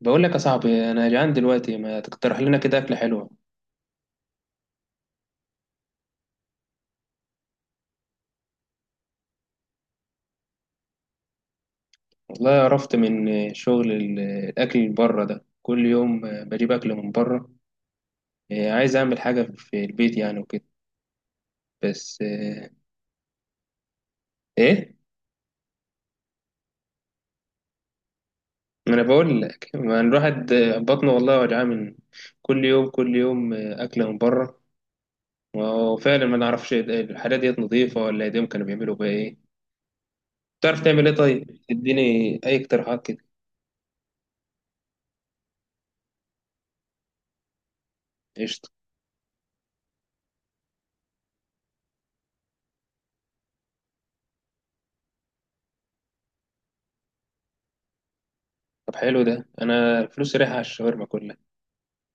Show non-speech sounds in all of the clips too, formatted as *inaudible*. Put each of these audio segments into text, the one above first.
بقول لك يا صاحبي، انا جعان دلوقتي، ما تقترح لنا كده اكله حلوه؟ والله عرفت من شغل الاكل اللي بره ده، كل يوم بجيب اكل من بره. إيه، عايز اعمل حاجه في البيت يعني وكده. بس إيه. إيه؟ ما انا بقول لك، ما الواحد بطنه والله وجعان من كل يوم، كل يوم اكله من بره. وفعلا ما نعرفش الحاجات ديت نظيفه، ولا ايديهم كانوا بيعملوا بيها ايه. تعرف تعمل ايه طيب؟ اديني اي اقتراحات كده. قشطه. طب حلو، ده انا فلوسي رايحه على الشاورما كلها.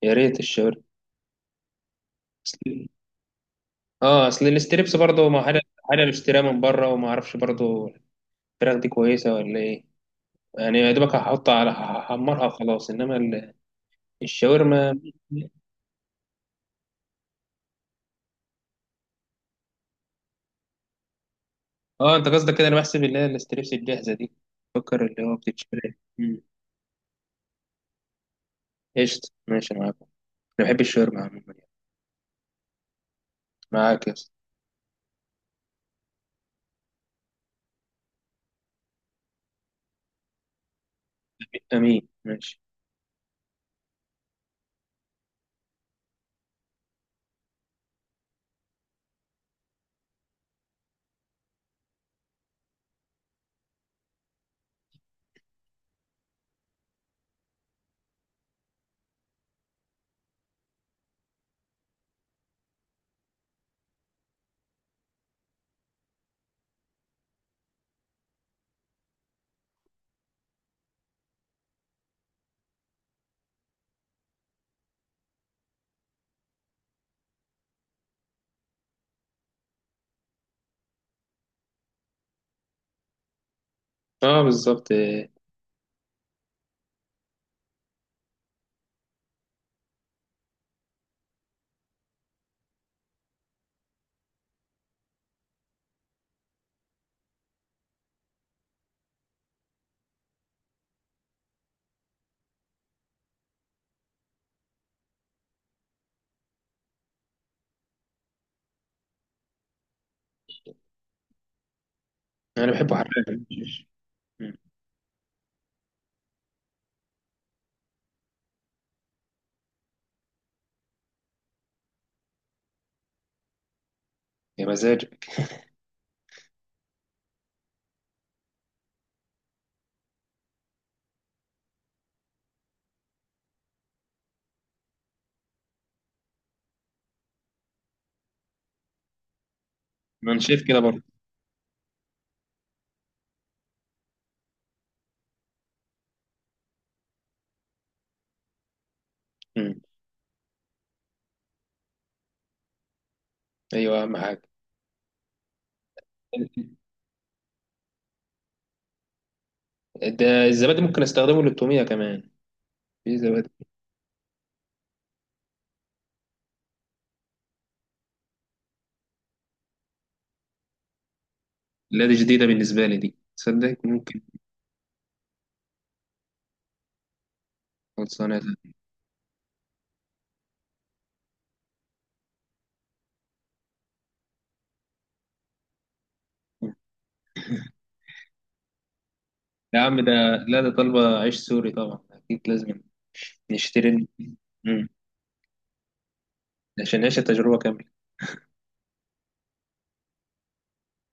يا ريت الشاورما. أصل- اه، اصل الستريبس برضه ما حاجه، حاجه بشتريها من بره وما اعرفش برضه الفراخ دي كويسه ولا ايه. يعني يا دوبك هحطها على هحمرها وخلاص، انما الشاورما. اه انت قصدك كده، انا بحسب اللي هي الستريبس الجاهزه دي، فكر اللي هو بتتشتري. قشطه، ماشي معاك. انا بحب الشاورما عموما يعني. معاك يا اسطى. امين، ماشي. اه بالظبط. انا بحبه حراق. مم. يا مزاجك. ما انا شايف كده برضه. مم. ايوه، اهم حاجه. ده الزبادي ممكن استخدمه للتوميه كمان؟ في زبادي؟ لا، دي جديده بالنسبه لي، دي تصدق ممكن. خلصانه ده. يا عم ده، لا ده طالبه عيش سوري طبعا، اكيد لازم نشتري. مم. عشان نعيش التجربه كامله.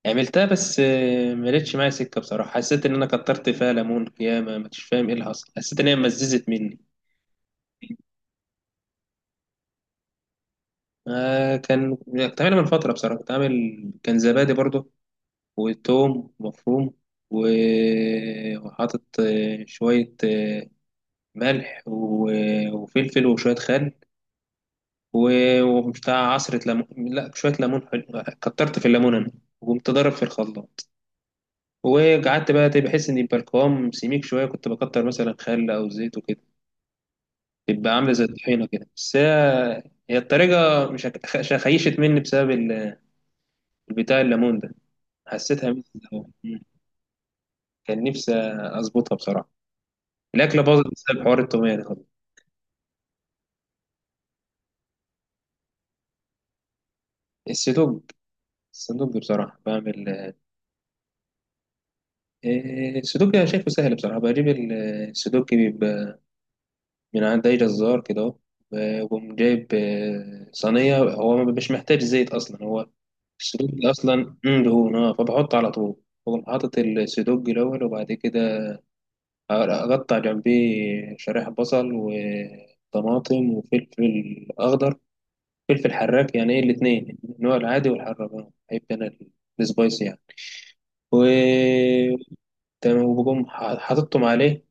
عملتها بس ما لقيتش معايا سكه بصراحه، حسيت ان انا كترت فيها ليمون ياما، مش فاهم ايه اللي حصل، حسيت ان هي مززت مني. آه، كنت عاملها من فتره بصراحه، كنت عامل كان زبادي برضه وتوم مفروم. و- وحاطط شويه، ملح و- وفلفل وشوية خل، و- وبتاع عصرة ليمون. لا شوية ليمون، حلو كترت في الليمون أنا، وقمت ضارب في الخلاط. وقعدت بقى بحس إن يبقى القوام سميك شوية، كنت بكتر مثلا خل أو زيت وكده، تبقى عاملة زي الطحينة كده، بس هي هي الطريقة. مش خيشت مني بسبب البتاع الليمون ده، حسيتها الأول. كان نفسي أظبطها بصراحة. الأكلة باظت بسبب حوار التومية ده. السدوج. السدوج بصراحة بعمل. إيه، السودوكي أنا شايفه سهل بصراحة، بجيب السودوكي بيبقى من عند أي جزار كده، أهو، وأقوم جايب صينية، هو مش محتاج زيت أصلا، هو السودوكي أصلا دهون، فبحط على طول. بقوم حاطط السودوكي الأول، وبعد كده أقطع جنبيه شرايح بصل وطماطم وفلفل أخضر، فلفل حراك يعني، إيه الاتنين، النوع العادي والحراك، بحب أنا السبايسي يعني. و تمام، وبقوم حاططهم عليه،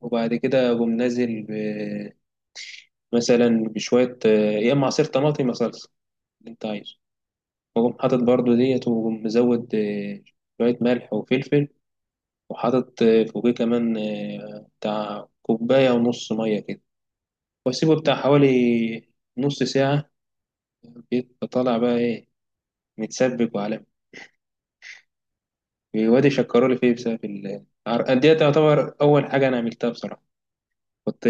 وبعد كده أقوم نازل مثلا بشوية يا إما عصير طماطم يا صلصة، اللي أنت عايزه، وأقوم حاطط برضو ديت، وأقوم مزود، شوية ملح وفلفل، وحاطط فوقيه كمان، بتاع كوباية ونص مية كده، وأسيبه بتاع حوالي نص ساعة، بيبقى طالع بقى إيه، متسبك وعلم، وادي شكرولي فيه بسبب ديت. تعتبر أول حاجة أنا عملتها بصراحة، كنت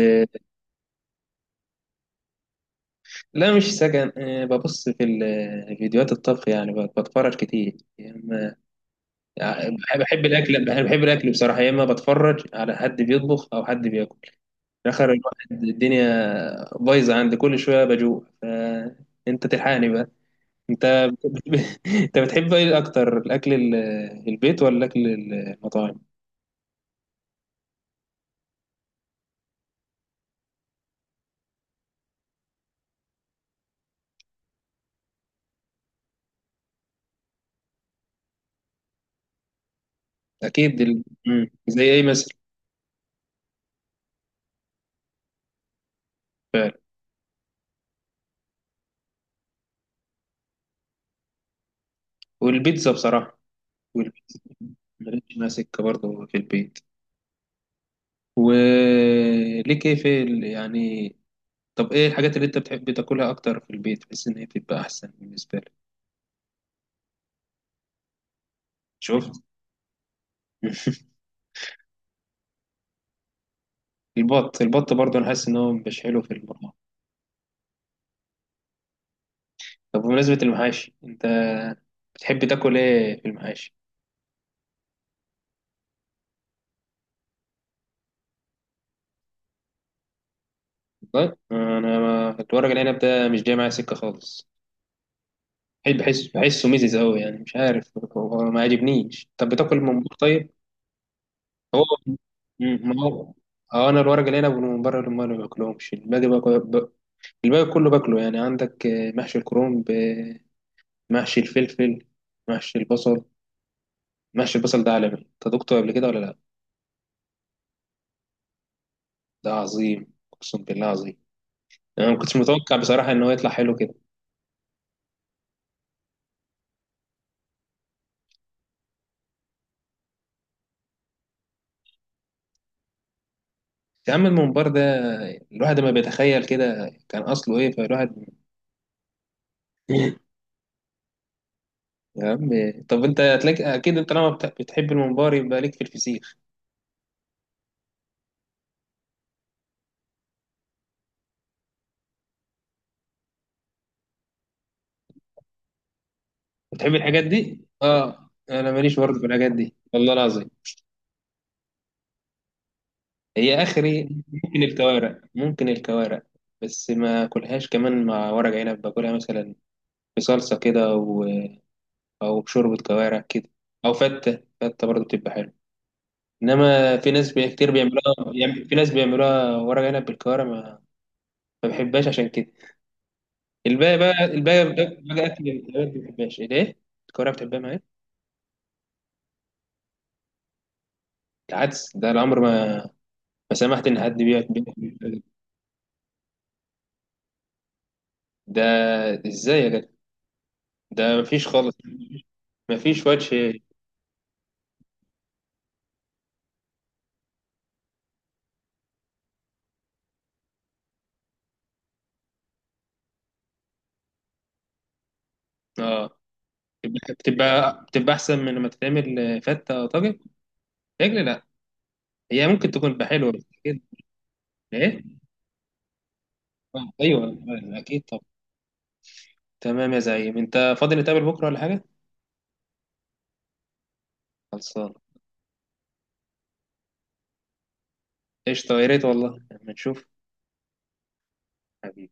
لا مش سكن. ببص في فيديوهات الطبخ يعني، بتفرج كتير يا اما. بحب الاكل، بحب الاكل بصراحه، يا اما بتفرج على حد بيطبخ او حد بياكل في الاخر، الواحد الدنيا بايظه عند كل شويه بجوع، فانت تلحقني بقى. انت بت- *laughs* انت بتحب ايه اكتر، الاكل البيت ولا الاكل المطاعم؟ اكيد زي ايه مثلا؟ فعلا. والبيتزا بصراحه، والبيتزا ماليش ماسكه برضه في البيت. وليك ايه في يعني؟ طب ايه الحاجات اللي انت بتحب تاكلها اكتر في البيت، بحيث ان هي بتبقى احسن بالنسبه لك؟ شوف. *laughs* البط، البط برضه انا حاسس ان هو مش حلو في المطبخ. طب بمناسبه المحاشي، انت بتحب تاكل ايه في المحاشي؟ والله انا الورق العنب ده مش جاي معايا سكه خالص. بحسه ميزز قوي يعني، مش عارف هو ما عجبنيش، طب بتاكل من بره طيب؟ هو ما هو، اه انا الورق العنب من بره اللي ما باكلهمش، الباقي الباقي كله باكله يعني، عندك محشي الكرنب، محشي الفلفل، محشي البصل. محشي البصل ده عالمي، انت دقته قبل كده ولا لا؟ ده عظيم، اقسم بالله عظيم، يعني انا ما كنتش متوقع بصراحه ان هو يطلع حلو كده. يا عم الممبار ده، الواحد ما بيتخيل كده كان اصله ايه، فالواحد *laughs* يا عم، طب انت هتلاقي اكيد، انت لما بتحب الممبار يبقى ليك في الفسيخ. بتحب الحاجات دي، اه؟ انا ماليش برضه في الحاجات دي والله العظيم. هي اخري. ممكن الكوارع، ممكن الكوارع. بس ما اكلهاش كمان، مع ورق عنب باكلها مثلا، بصلصه كده، او بشوربه كوارع كده، او فته، فته برضه بتبقى حلوه، انما في ناس كتير بيعملوها، يعني في ناس بيعملوها ورق عنب بالكوارع. ما بحبهاش عشان كده. الباقي بقى اكل. الحاجات دي ما بحبهاش ليه؟ الكوارع بتحبها معايا؟ العدس ده العمر ما سمحت ان حد بياكل. ده، ازاي يا جدع؟ ده مفيش خالص، مفيش وجه. اه. بتبقى احسن من لما تتعمل فته او طاجن. رجل لا، هي ممكن تكون بحلوه بس كده. ايه؟ آه، ايوه، اكيد. طب تمام يا زعيم، انت فاضي نتقابل بكره ولا حاجه؟ خلصان. قشطه، يا ريت والله لما نشوف. حبيبي.